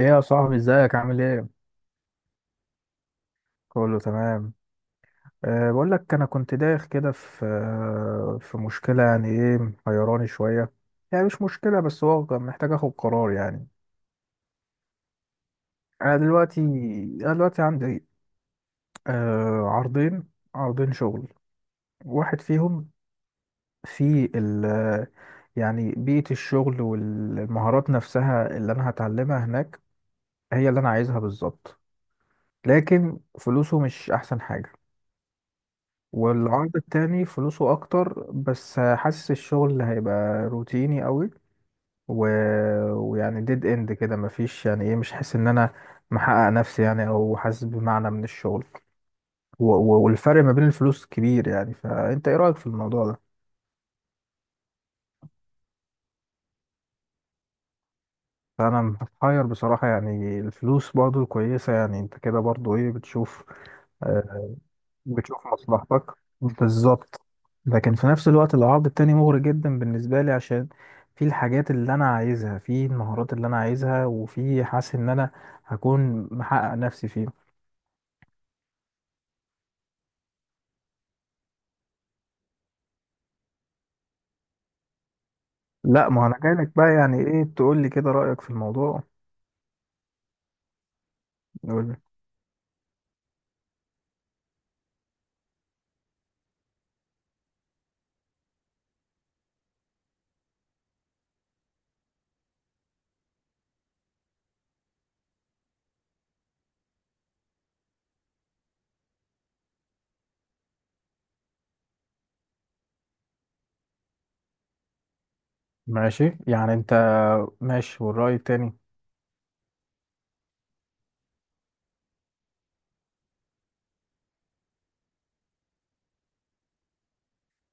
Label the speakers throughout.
Speaker 1: ايه يا صاحبي، ازيك؟ عامل ايه؟ كله تمام. أه بقول لك، انا كنت دايخ كده في مشكله، يعني ايه، محيراني شويه. يعني مش مشكله، بس هو كان محتاج اخد قرار يعني. انا دلوقتي انا دلوقتي عندي أه عرضين، عرضين شغل. واحد فيهم في ال يعني بيئه الشغل والمهارات نفسها اللي انا هتعلمها هناك هي اللي انا عايزها بالظبط، لكن فلوسه مش احسن حاجه. والعرض التاني فلوسه اكتر بس حاسس الشغل هيبقى روتيني قوي، و... ويعني ديد اند كده، مفيش يعني ايه، مش حاسس ان انا محقق نفسي يعني، او حاسس بمعنى من الشغل. والفرق ما بين الفلوس كبير يعني، فانت ايه رأيك في الموضوع ده؟ فانا محير بصراحة، يعني الفلوس برضو كويسة، يعني انت كده برضو ايه بتشوف؟ آه، بتشوف مصلحتك. بالظبط، لكن في نفس الوقت العرض التاني مغري جدا بالنسبة لي، عشان في الحاجات اللي أنا عايزها، في المهارات اللي أنا عايزها، وفي حاسس إن أنا هكون محقق نفسي فيه. لا، ما أنا جايلك بقى يعني إيه، تقول لي كده رأيك في الموضوع. قول لي. ماشي، يعني أنت ماشي، والرأي التاني؟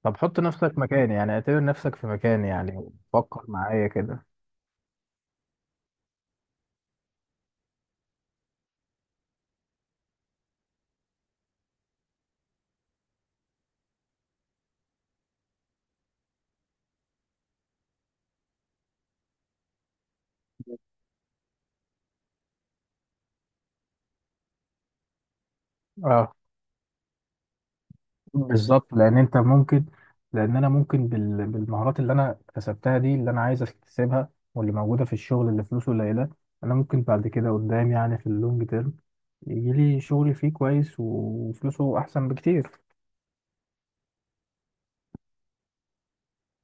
Speaker 1: طب حط نفسك مكاني، يعني اعتبر نفسك في مكاني، يعني فكر معايا كده. اه، بالظبط، لان انت ممكن، لان انا ممكن بالمهارات اللي انا اكتسبتها دي، اللي انا عايز اكتسبها، واللي موجوده في الشغل اللي فلوسه قليله، انا ممكن بعد كده قدام، يعني في اللونج تيرم، يجي لي شغل فيه كويس وفلوسه احسن بكتير.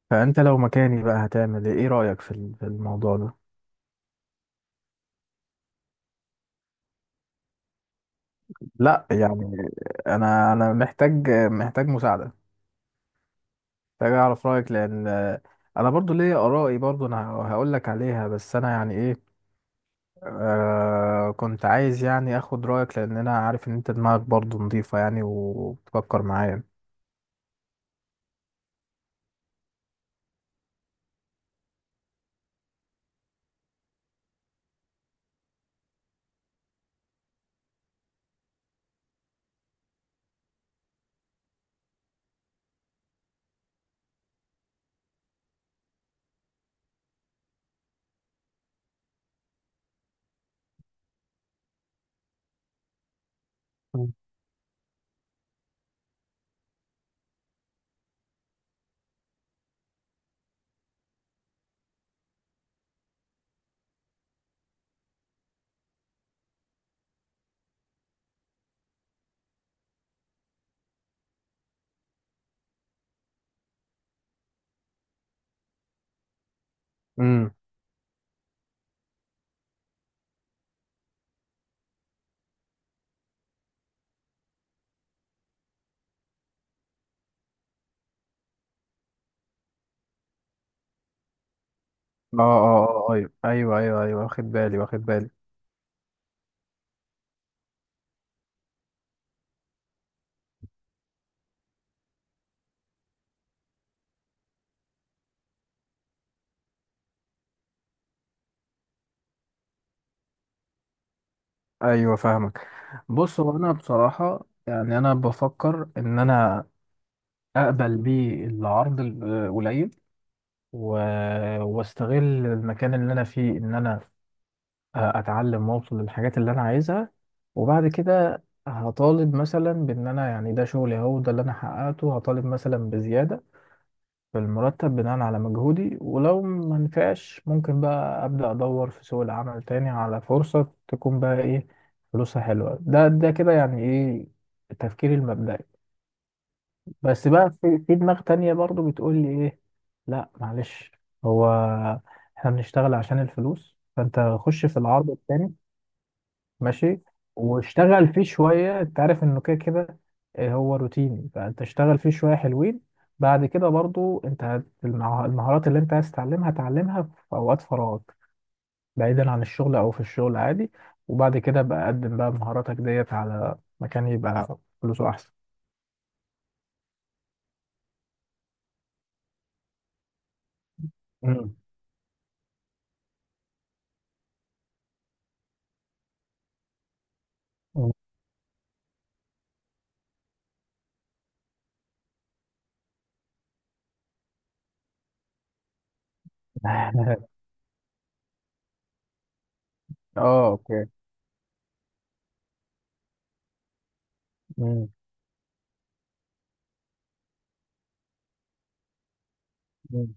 Speaker 1: فانت لو مكاني بقى هتعمل ايه؟ إيه رايك في الموضوع ده؟ لا يعني، انا محتاج مساعده، محتاج اعرف رايك، لان انا برضو ليا ارائي، برضو انا هقول لك عليها، بس انا يعني ايه، كنت عايز يعني اخد رأيك، لان انا عارف ان انت دماغك برضو نظيفة يعني وبتفكر معايا. مم. امم. اه اه اه، ايوه ايوه ايوه ايوه، واخد بالي واخد بالي. ايوه، فاهمك. بص، هو انا بصراحة يعني انا بفكر ان انا اقبل بيه العرض القليل، و... واستغل المكان اللي انا فيه، ان انا اتعلم واوصل للحاجات اللي انا عايزها، وبعد كده هطالب مثلا بان انا، يعني ده شغلي اهو، ده اللي انا حققته، هطالب مثلا بزياده في المرتب بناء على مجهودي. ولو ما نفعش ممكن بقى ابدا ادور في سوق العمل تاني على فرصه تكون بقى ايه، فلوسها حلوه. ده كده يعني ايه، التفكير المبدئي. بس بقى في دماغ تانية برضو بتقول لي ايه، لا معلش، هو احنا بنشتغل عشان الفلوس، فانت خش في العرض التاني. ماشي، واشتغل فيه شوية، انت عارف انه كده كده هو روتيني، فانت اشتغل فيه شوية حلوين، بعد كده برضو انت المهارات اللي انت عايز تعلمها تعلمها في اوقات فراغك، بعيدا عن الشغل او في الشغل عادي، وبعد كده بقى قدم بقى مهاراتك ديت على مكان يبقى فلوسه احسن. مم. مم. اه، اوكي. مم. مم.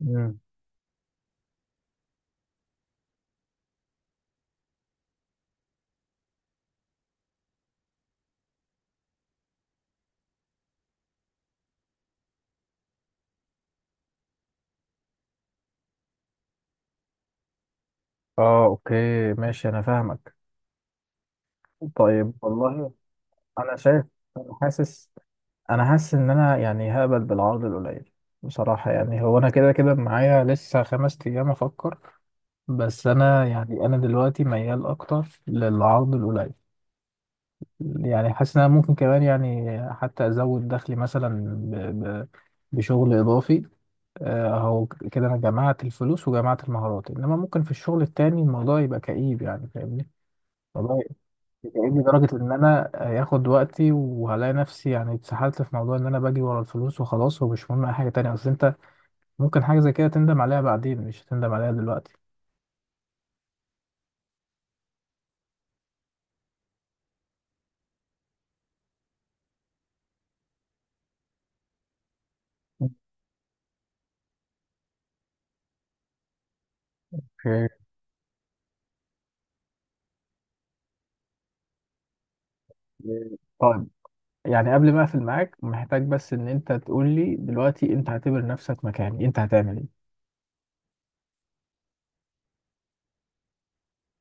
Speaker 1: مم. اه، اوكي، ماشي، انا فاهمك. طيب، والله، انا شايف، انا حاسس، انا حاسس ان انا يعني هقبل بالعرض القليل. بصراحة يعني، هو انا كده كده معايا لسه 5 ايام افكر. بس انا يعني انا دلوقتي ميال اكتر للعرض القليل. يعني حاسس ان انا ممكن كمان يعني حتى ازود دخلي مثلا ب... ب... بشغل اضافي. اهو كده انا جمعت الفلوس وجمعت المهارات، انما ممكن في الشغل التاني الموضوع يبقى كئيب يعني فاهمني، بيتعبني لدرجة إن أنا هياخد وقتي وهلاقي نفسي يعني اتسحلت في موضوع إن أنا باجي ورا الفلوس وخلاص ومش مهم أي حاجة تانية، أصل أنت ممكن حاجة زي كده تندم عليها بعدين، مش هتندم عليها دلوقتي. اوكي، طيب، يعني قبل ما أقفل معاك محتاج بس إن أنت تقول لي دلوقتي أنت هتعتبر نفسك مكاني أنت هتعمل إيه؟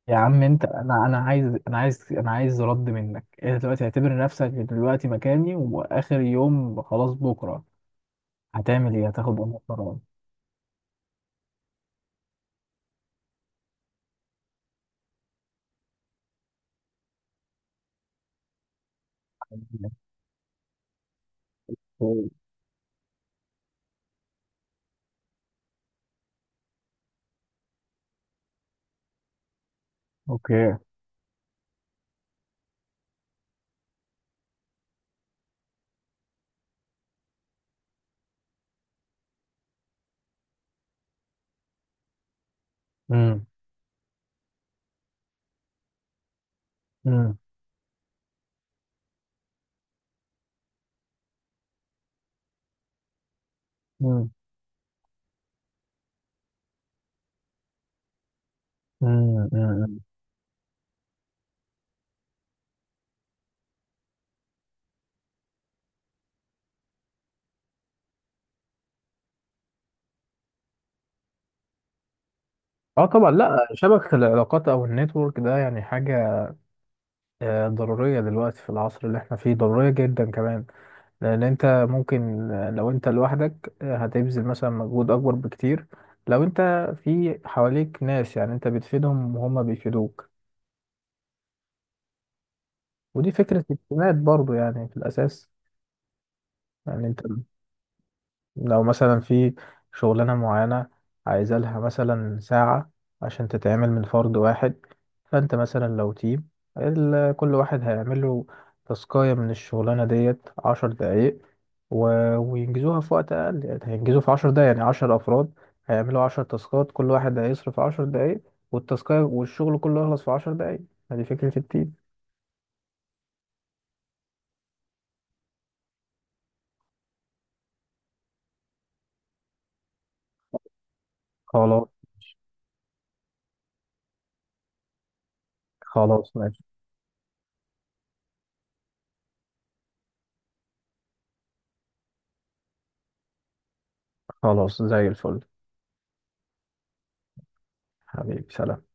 Speaker 1: يا عم أنت، أنا عايز أنا عايز أنا عايز رد منك. أنت دلوقتي هتعتبر نفسك دلوقتي مكاني وآخر يوم خلاص بكرة، هتعمل إيه؟ هتاخد أنهي قرار؟ اوكي. امم. مم. مم. مم. مم. اه طبعا، لا شبكة العلاقات او النتورك ده يعني حاجة ضرورية دلوقتي في العصر اللي احنا فيه، ضرورية جدا كمان، لان انت ممكن لو انت لوحدك هتبذل مثلا مجهود اكبر بكتير، لو انت في حواليك ناس، يعني انت بتفيدهم وهم بيفيدوك. ودي فكرة الاعتماد برضو يعني في الاساس. يعني انت لو مثلا في شغلانة معينة عايزة لها مثلا ساعة عشان تتعمل من فرد واحد، فأنت مثلا لو تيم، كل واحد هيعمل له تاسكاية من الشغلانة ديت 10 دقايق، و... وينجزوها في وقت أقل، يعني هينجزوا في 10 دقايق يعني 10 أفراد هيعملوا 10 تاسكات، كل واحد هيصرف 10 دقايق، والتاسكاية والشغل كله يخلص في 10 دقايق. هذه فكرة التيم. خلاص. خلاص، ماشي. خلاص، زي الفل. حبيبي سلام.